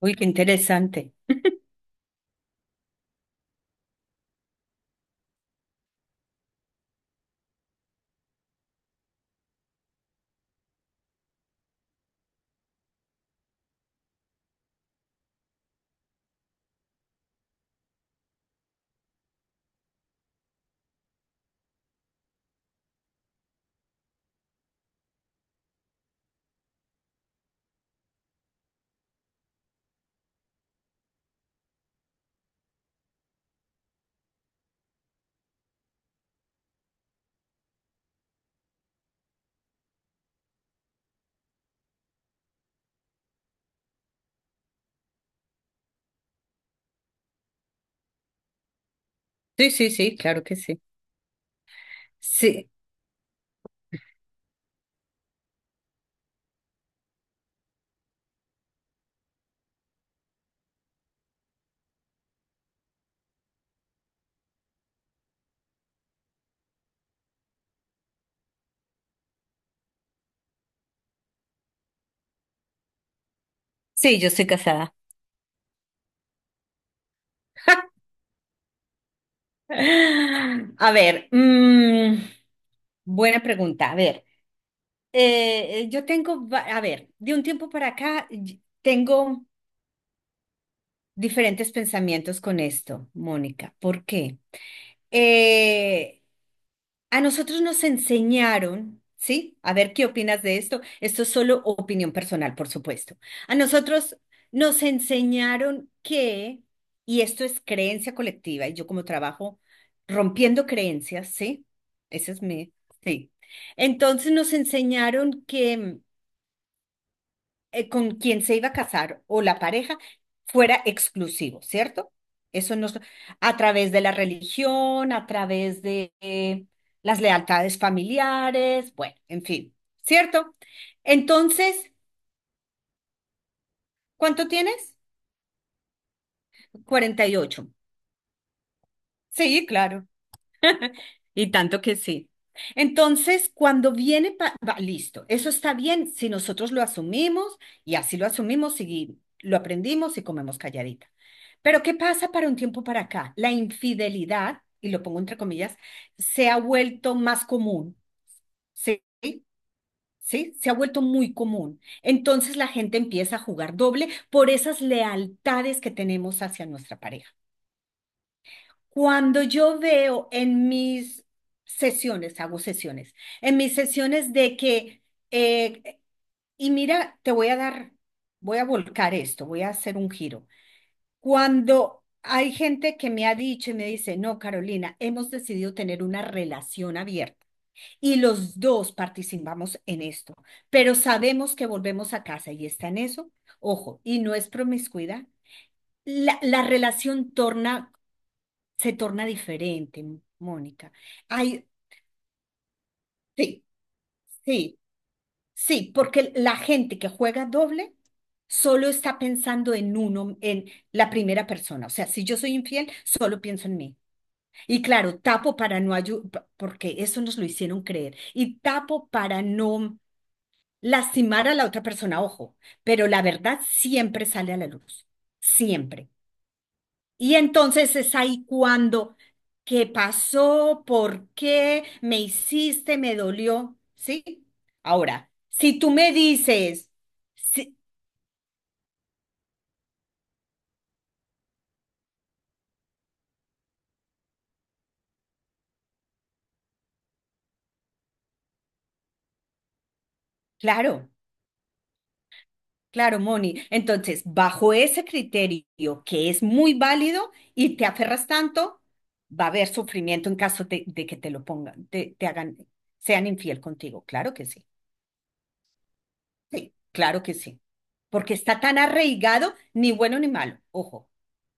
Uy, qué interesante. Sí, sí, sí, claro que sí. Sí, sí, yo estoy casada. A ver, buena pregunta. A ver, yo tengo, a ver, de un tiempo para acá tengo diferentes pensamientos con esto, Mónica. ¿Por qué? Eh, a nosotros nos enseñaron, ¿sí? A ver qué opinas de esto. Esto es solo opinión personal, por supuesto. A nosotros nos enseñaron que, y esto es creencia colectiva, y yo como trabajo rompiendo creencias, ¿sí? Ese es mi, sí. Entonces nos enseñaron que con quien se iba a casar o la pareja fuera exclusivo, ¿cierto? Eso no, a través de la religión, a través de las lealtades familiares, bueno, en fin, ¿cierto? Entonces, ¿cuánto tienes? 48. Sí, claro. Y tanto que sí. Entonces, cuando viene, va, listo, eso está bien si nosotros lo asumimos y así lo asumimos y lo aprendimos y comemos calladita. Pero ¿qué pasa para un tiempo para acá? La infidelidad, y lo pongo entre comillas, se ha vuelto más común, ¿sí? ¿Sí? Se ha vuelto muy común. Entonces la gente empieza a jugar doble por esas lealtades que tenemos hacia nuestra pareja. Cuando yo veo en mis sesiones, hago sesiones, en mis sesiones de que, eh, y mira, te voy a dar, voy a volcar esto, voy a hacer un giro. Cuando hay gente que me ha dicho y me dice, no, Carolina, hemos decidido tener una relación abierta y los dos participamos en esto, pero sabemos que volvemos a casa y está en eso, ojo, y no es promiscuidad. La relación torna se torna diferente, Mónica. Hay, sí, sí, sí, porque la gente que juega doble solo está pensando en uno, en la primera persona. O sea, si yo soy infiel, solo pienso en mí. Y claro, tapo para no ayudar, porque eso nos lo hicieron creer. Y tapo para no lastimar a la otra persona, ojo, pero la verdad siempre sale a la luz. Siempre. Y entonces es ahí cuando, ¿qué pasó? ¿Por qué? ¿Me hiciste? ¿Me dolió? ¿Sí? Ahora, si tú me dices, sí, claro, claro, Moni, entonces, bajo ese criterio que es muy válido y te aferras tanto, va a haber sufrimiento en caso de que te lo pongan, te hagan, sean infiel contigo, claro que sí. Claro que sí, porque está tan arraigado, ni bueno ni malo, ojo,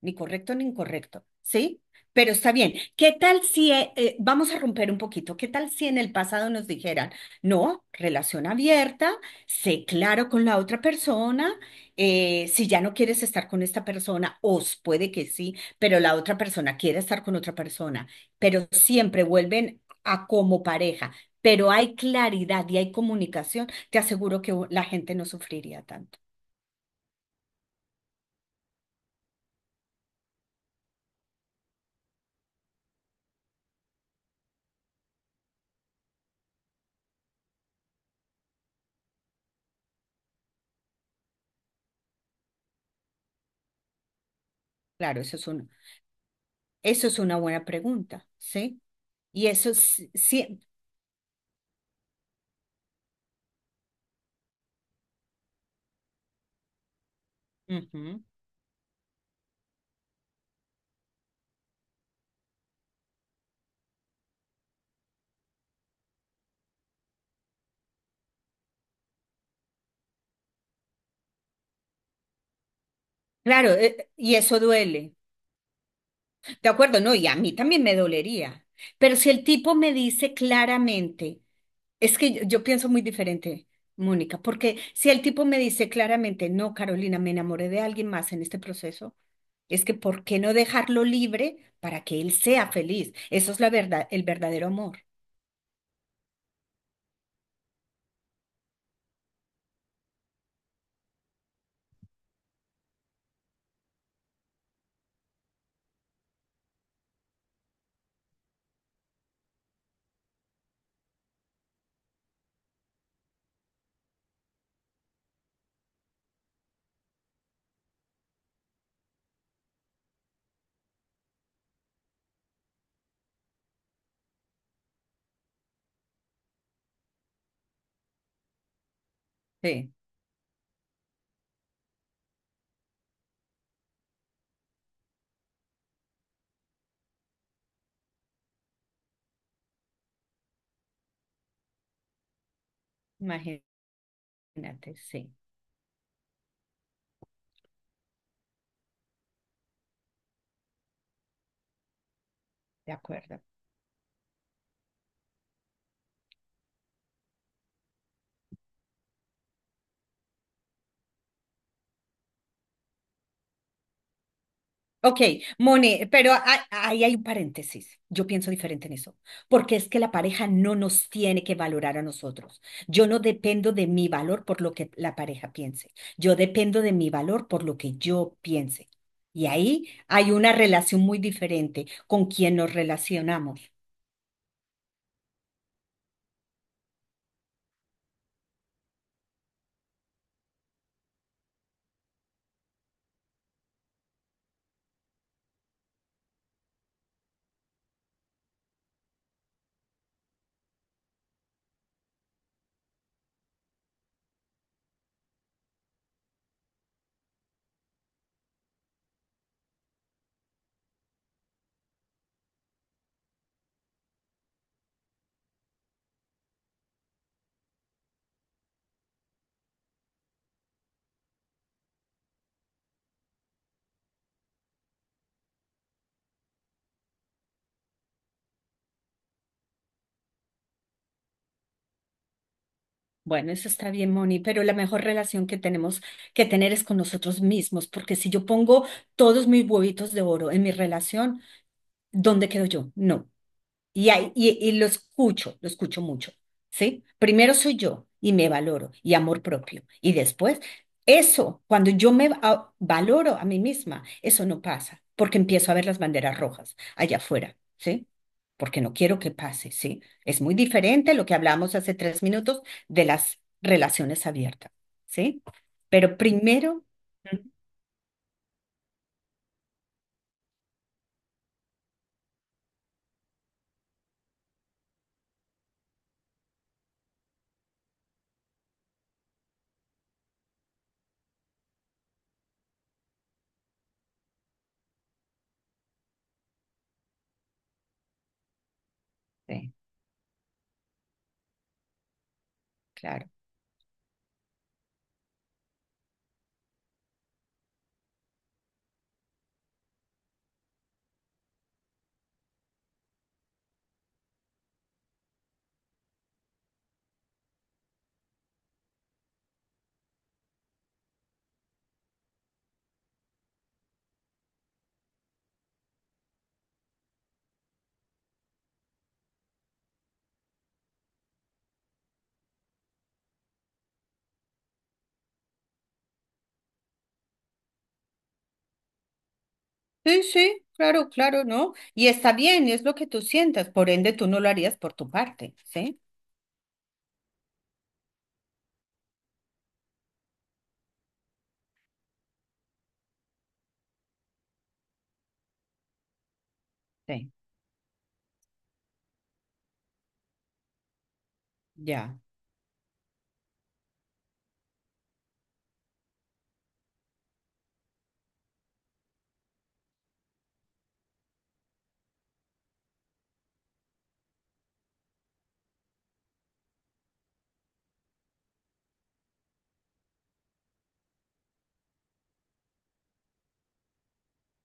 ni correcto ni incorrecto, ¿sí? Pero está bien. ¿Qué tal si, vamos a romper un poquito, qué tal si en el pasado nos dijeran, no, relación abierta, sé claro con la otra persona, si ya no quieres estar con esta persona, os puede que sí, pero la otra persona quiere estar con otra persona, pero siempre vuelven a como pareja, pero hay claridad y hay comunicación te aseguro que la gente no sufriría tanto. Claro, eso es una buena pregunta, ¿sí? Y eso sí, sí, ujú. Claro, y eso duele. De acuerdo, no, y a mí también me dolería. Pero si el tipo me dice claramente, es que yo pienso muy diferente, Mónica, porque si el tipo me dice claramente, no, Carolina, me enamoré de alguien más en este proceso, es que ¿por qué no dejarlo libre para que él sea feliz? Eso es la verdad, el verdadero amor. Sí, imagínate. Imagínate, sí, de acuerdo. Ok, Moni, pero ahí hay un paréntesis. Yo pienso diferente en eso, porque es que la pareja no nos tiene que valorar a nosotros. Yo no dependo de mi valor por lo que la pareja piense. Yo dependo de mi valor por lo que yo piense. Y ahí hay una relación muy diferente con quien nos relacionamos. Bueno, eso está bien, Moni, pero la mejor relación que tenemos que tener es con nosotros mismos, porque si yo pongo todos mis huevitos de oro en mi relación, ¿dónde quedo yo? No. Y lo escucho mucho, ¿sí? Primero soy yo y me valoro y amor propio. Y después, eso, cuando yo me valoro a mí misma, eso no pasa, porque empiezo a ver las banderas rojas allá afuera, ¿sí? Porque no quiero que pase, ¿sí? Es muy diferente lo que hablamos hace 3 minutos de las relaciones abiertas, ¿sí? Pero primero, ujú. Sí, claro. Sí, sí, claro, claro, ¿no? Y está bien, es lo que tú sientas, por ende tú no lo harías por tu parte, ¿sí? Sí, ya,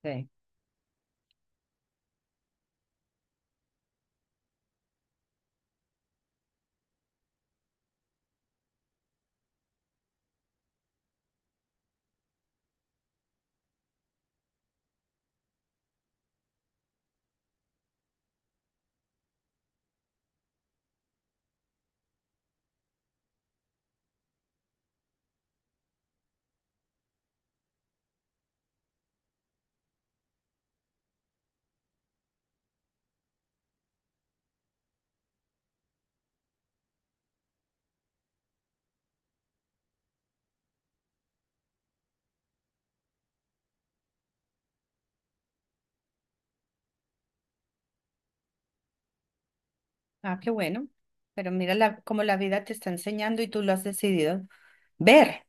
sí. Ah, qué bueno. Pero mira la, cómo la vida te está enseñando y tú lo has decidido ver,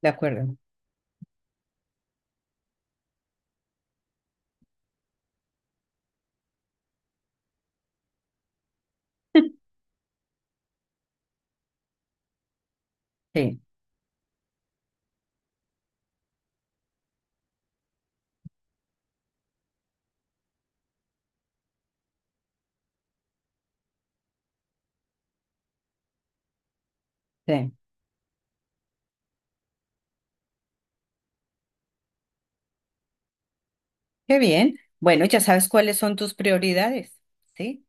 ¿de acuerdo? Sí, sí. Qué bien. Bueno, ya sabes cuáles son tus prioridades, ¿sí?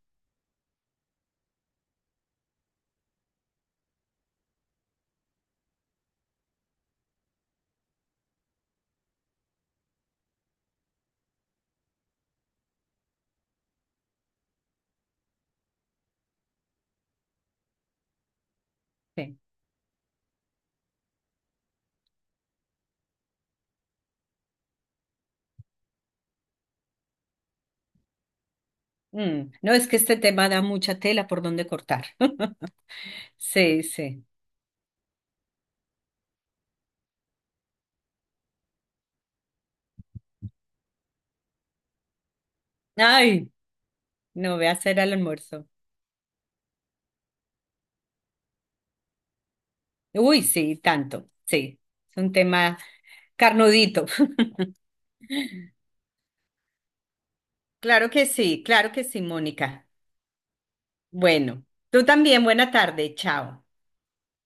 Sí. Mm, no es que este tema da mucha tela por donde cortar. Sí, sí. Ay, no ve a hacer al almuerzo. Uy, sí, tanto, sí. Es un tema carnudito. Claro que sí, Mónica. Bueno, tú también, buena tarde, chao.